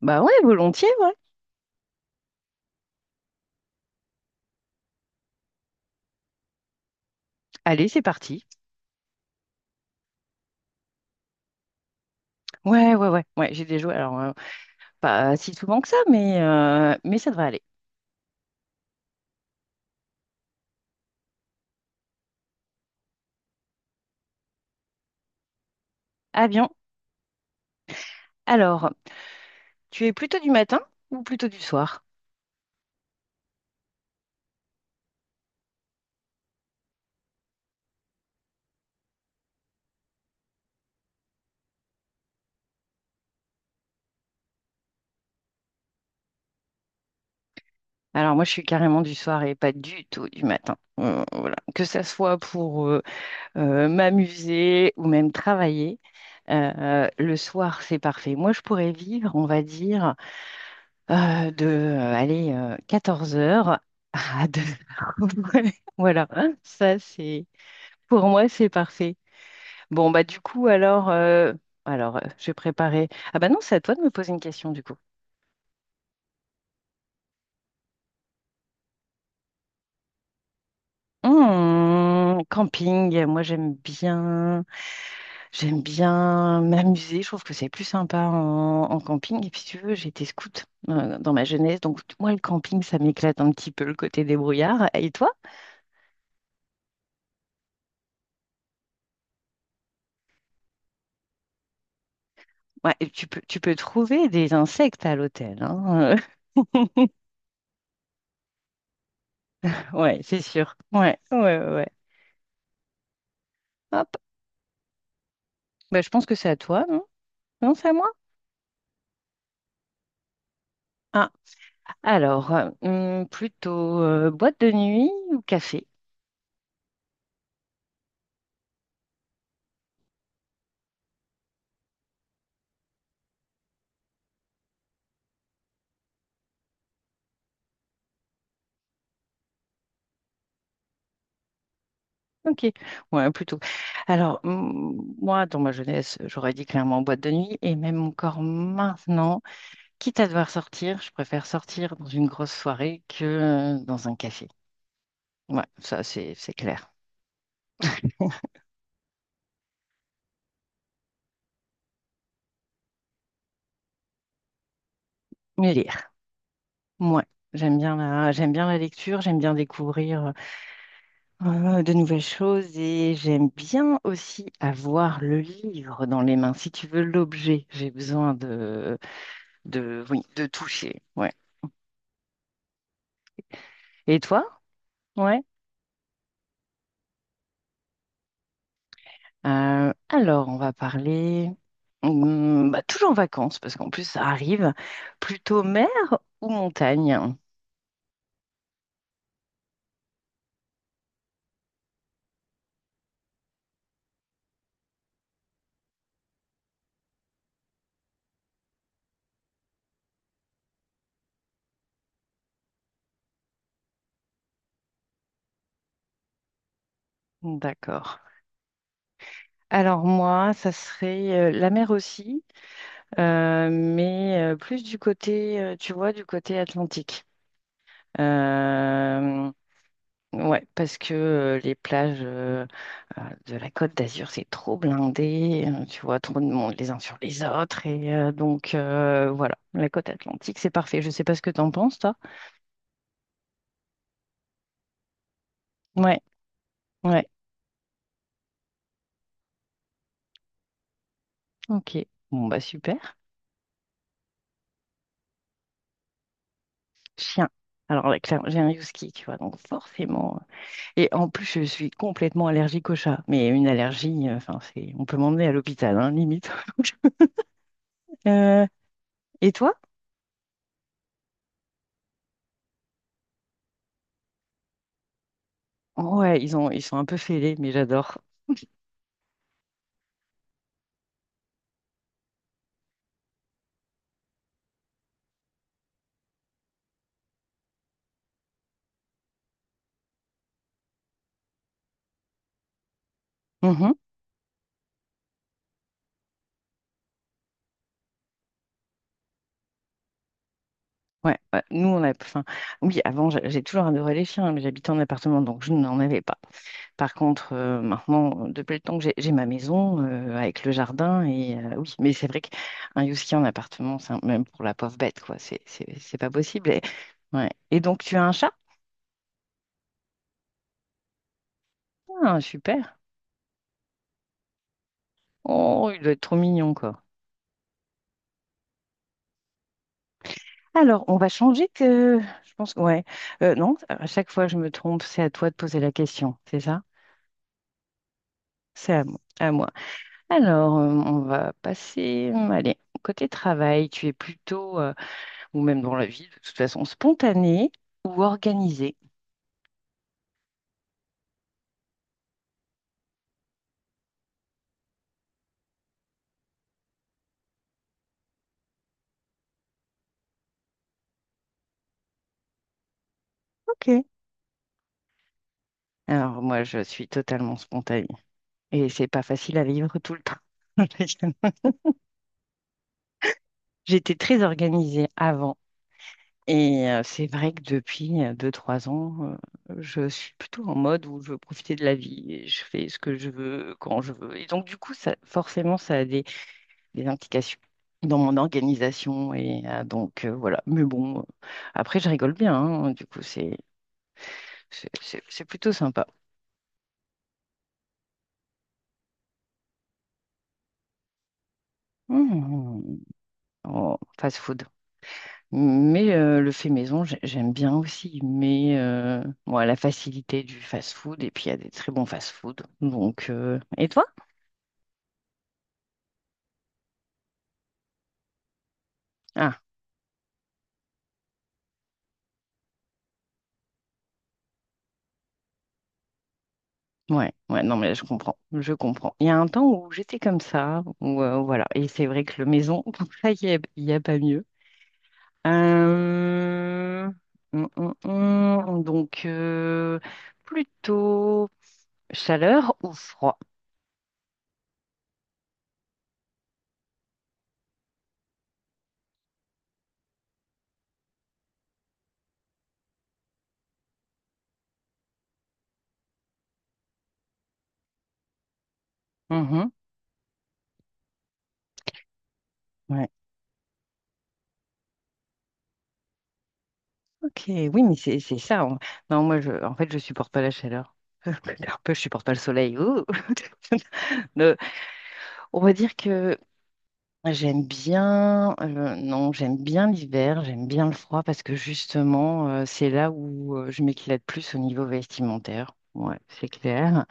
Bah ouais, volontiers, ouais. Allez, c'est parti. Ouais, ouais, ouais, ouais, j'ai des jouets. Alors, pas si souvent que ça, mais ça devrait aller. Ah bien. Alors, tu es plutôt du matin ou plutôt du soir? Alors, moi, je suis carrément du soir et pas du tout du matin. Voilà. Que ça soit pour m'amuser ou même travailler, le soir, c'est parfait. Moi, je pourrais vivre, on va dire, de, allez, 14 heures à 2 heures. Voilà, ça, c'est. Pour moi, c'est parfait. Bon, bah du coup, alors, je vais préparer. Ah bah non, c'est à toi de me poser une question du coup. Hmm, camping, moi j'aime bien m'amuser. Je trouve que c'est plus sympa en camping. Et puis si tu veux, j'ai été scout dans ma jeunesse, donc moi le camping, ça m'éclate un petit peu le côté débrouillard. Et toi? Ouais, et tu peux trouver des insectes à l'hôtel, hein. Ouais, c'est sûr. Ouais, ouais, ouais, ouais. Hop. Bah, je pense que c'est à toi, non? Non, c'est à moi? Ah, alors, plutôt boîte de nuit ou café? Ok, ouais, plutôt. Alors, moi, dans ma jeunesse, j'aurais dit clairement boîte de nuit, et même encore maintenant, quitte à devoir sortir, je préfère sortir dans une grosse soirée que dans un café. Ouais, ça, c'est clair. Mais lire, moi, j'aime bien la lecture, j'aime bien découvrir de nouvelles choses, et j'aime bien aussi avoir le livre dans les mains. Si tu veux l'objet, j'ai besoin de, oui, de toucher. Ouais. Et toi? Ouais. Alors, on va parler bah, toujours en vacances, parce qu'en plus, ça arrive. Plutôt mer ou montagne? D'accord. Alors moi, ça serait la mer aussi, mais plus du côté, tu vois, du côté atlantique. Euh, Ouais, parce que les plages de la Côte d'Azur, c'est trop blindé, tu vois, trop de monde les uns sur les autres. Et donc, voilà, la côte atlantique, c'est parfait. Je sais pas ce que t'en penses, toi. Ouais, ouais, ok. Bon, bah super. Chien. Alors là, clairement, j'ai un husky, tu vois, donc forcément. Et en plus, je suis complètement allergique au chat. Mais une allergie, enfin, c'est, on peut m'emmener à l'hôpital, hein, limite. Euh, et toi? Ouais, ils sont un peu fêlés, mais j'adore. Ouais, ouais. nous on a, enfin, oui, avant j'ai toujours adoré les chiens, hein, mais j'habitais en appartement, donc je n'en avais pas. Par contre, maintenant, depuis le temps que j'ai ma maison avec le jardin, et oui, mais c'est vrai qu'un husky en appartement, même pour la pauvre bête, quoi, c'est pas possible. Et, ouais. Et donc tu as un chat? Ah, super. Oh, il doit être trop mignon, quoi. Alors, on va changer que, je pense, ouais. Non, à chaque fois je me trompe, c'est à toi de poser la question, c'est ça? C'est à moi. À moi. Alors, on va passer, allez, côté travail, tu es plutôt, ou même dans la vie, de toute façon, spontanée ou organisée? Ok. Alors, moi, je suis totalement spontanée et c'est pas facile à vivre tout le temps. J'étais très organisée avant et c'est vrai que depuis 2, 3 ans, je suis plutôt en mode où je veux profiter de la vie et je fais ce que je veux quand je veux. Et donc, du coup, ça, forcément, ça a des indications dans mon organisation. Et donc, voilà. Mais bon, après, je rigole bien, hein. Du coup, c'est plutôt sympa. Mmh. mmh, mmh. Oh, fast food. Mais le fait maison, j'aime bien aussi. Mais moi, la facilité du fast food, et puis il y a des très bons fast food. Donc, et toi? Ah, ouais, ouais, non, mais là, je comprends. Je comprends. Il y a un temps où j'étais comme ça, où voilà. Et c'est vrai que le maison, il n'y a, il y a pas mieux. Euh, donc, plutôt chaleur ou froid? Mhm, ouais. Ok, oui, mais c'est ça. Non, moi, je, en fait, je supporte pas la chaleur. Un peu, je supporte pas le soleil. Ouh. Le- on va dire que j'aime bien, non, j'aime bien l'hiver, j'aime bien le froid parce que justement, c'est là où je m'éclate plus au niveau vestimentaire. Ouais, c'est clair.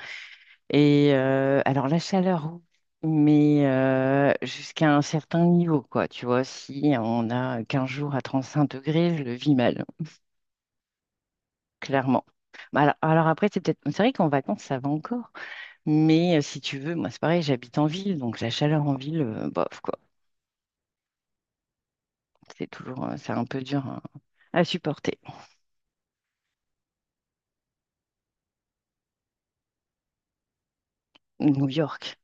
Et alors la chaleur, oui, mais jusqu'à un certain niveau, quoi. Tu vois, si on a 15 jours à 35 degrés, je le vis mal, clairement. Bah, alors après, c'est peut-être, c'est vrai qu'en vacances, ça va encore. Mais si tu veux, moi, c'est pareil, j'habite en ville, donc la chaleur en ville, bof, quoi. C'est toujours, c'est un peu dur à supporter. New York.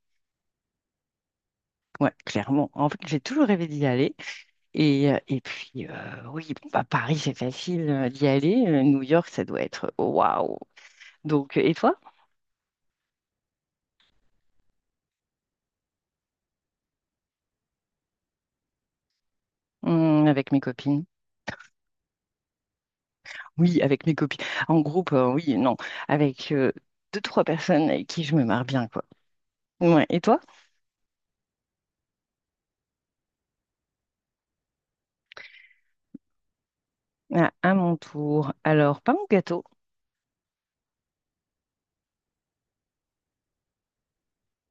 Ouais, clairement. En fait, j'ai toujours rêvé d'y aller. Et puis, oui, bon, bah, Paris, c'est facile d'y aller. New York, ça doit être waouh! Donc, et toi? Avec mes copines. Oui, avec mes copines. En groupe, oui, non. Avec deux, trois personnes avec qui je me marre bien, quoi. Ouais. Et toi? Ah, à mon tour. Alors, pain ou gâteau?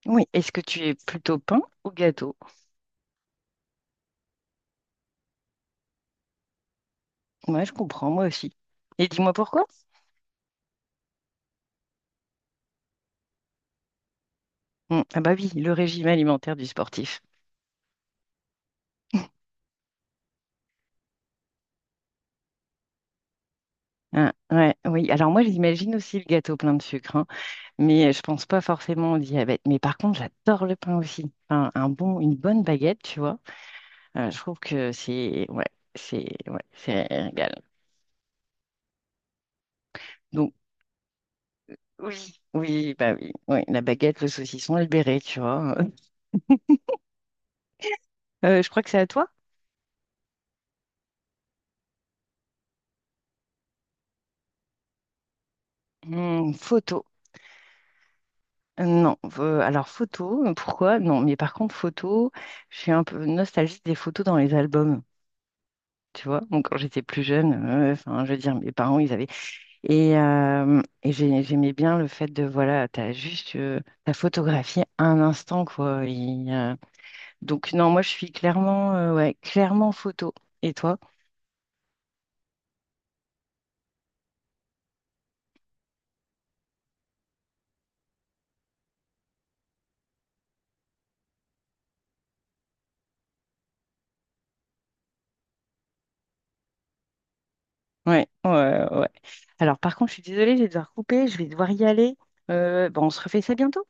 Oui. Est-ce que tu es plutôt pain ou gâteau? Ouais, je comprends, moi aussi. Et dis-moi pourquoi? Ah bah oui, le régime alimentaire du sportif. Ah, ouais, oui. Alors moi, j'imagine aussi le gâteau plein de sucre, hein, mais je pense pas forcément au diabète. Mais par contre, j'adore le pain aussi. Enfin, un bon, une bonne baguette, tu vois. Je trouve que c'est ouais, c'est ouais, c'est un régal. Donc oui, oui, bah oui, ouais, la baguette, le saucisson et le béret, tu vois. Je crois que c'est à toi. Hmm, photo. Non, alors photo, pourquoi? Non, mais par contre photo, je suis un peu nostalgique des photos dans les albums, tu vois. Donc quand j'étais plus jeune, enfin, je veux dire, mes parents, ils avaient et, j'aimais bien le fait de voilà, t'as juste t'as photographié un instant quoi. Donc non, moi je suis clairement, ouais, clairement photo. Et toi? Ouais, ouais, ouais. Alors par contre, je suis désolée, je vais devoir couper, je vais devoir y aller. Bon, on se refait ça bientôt.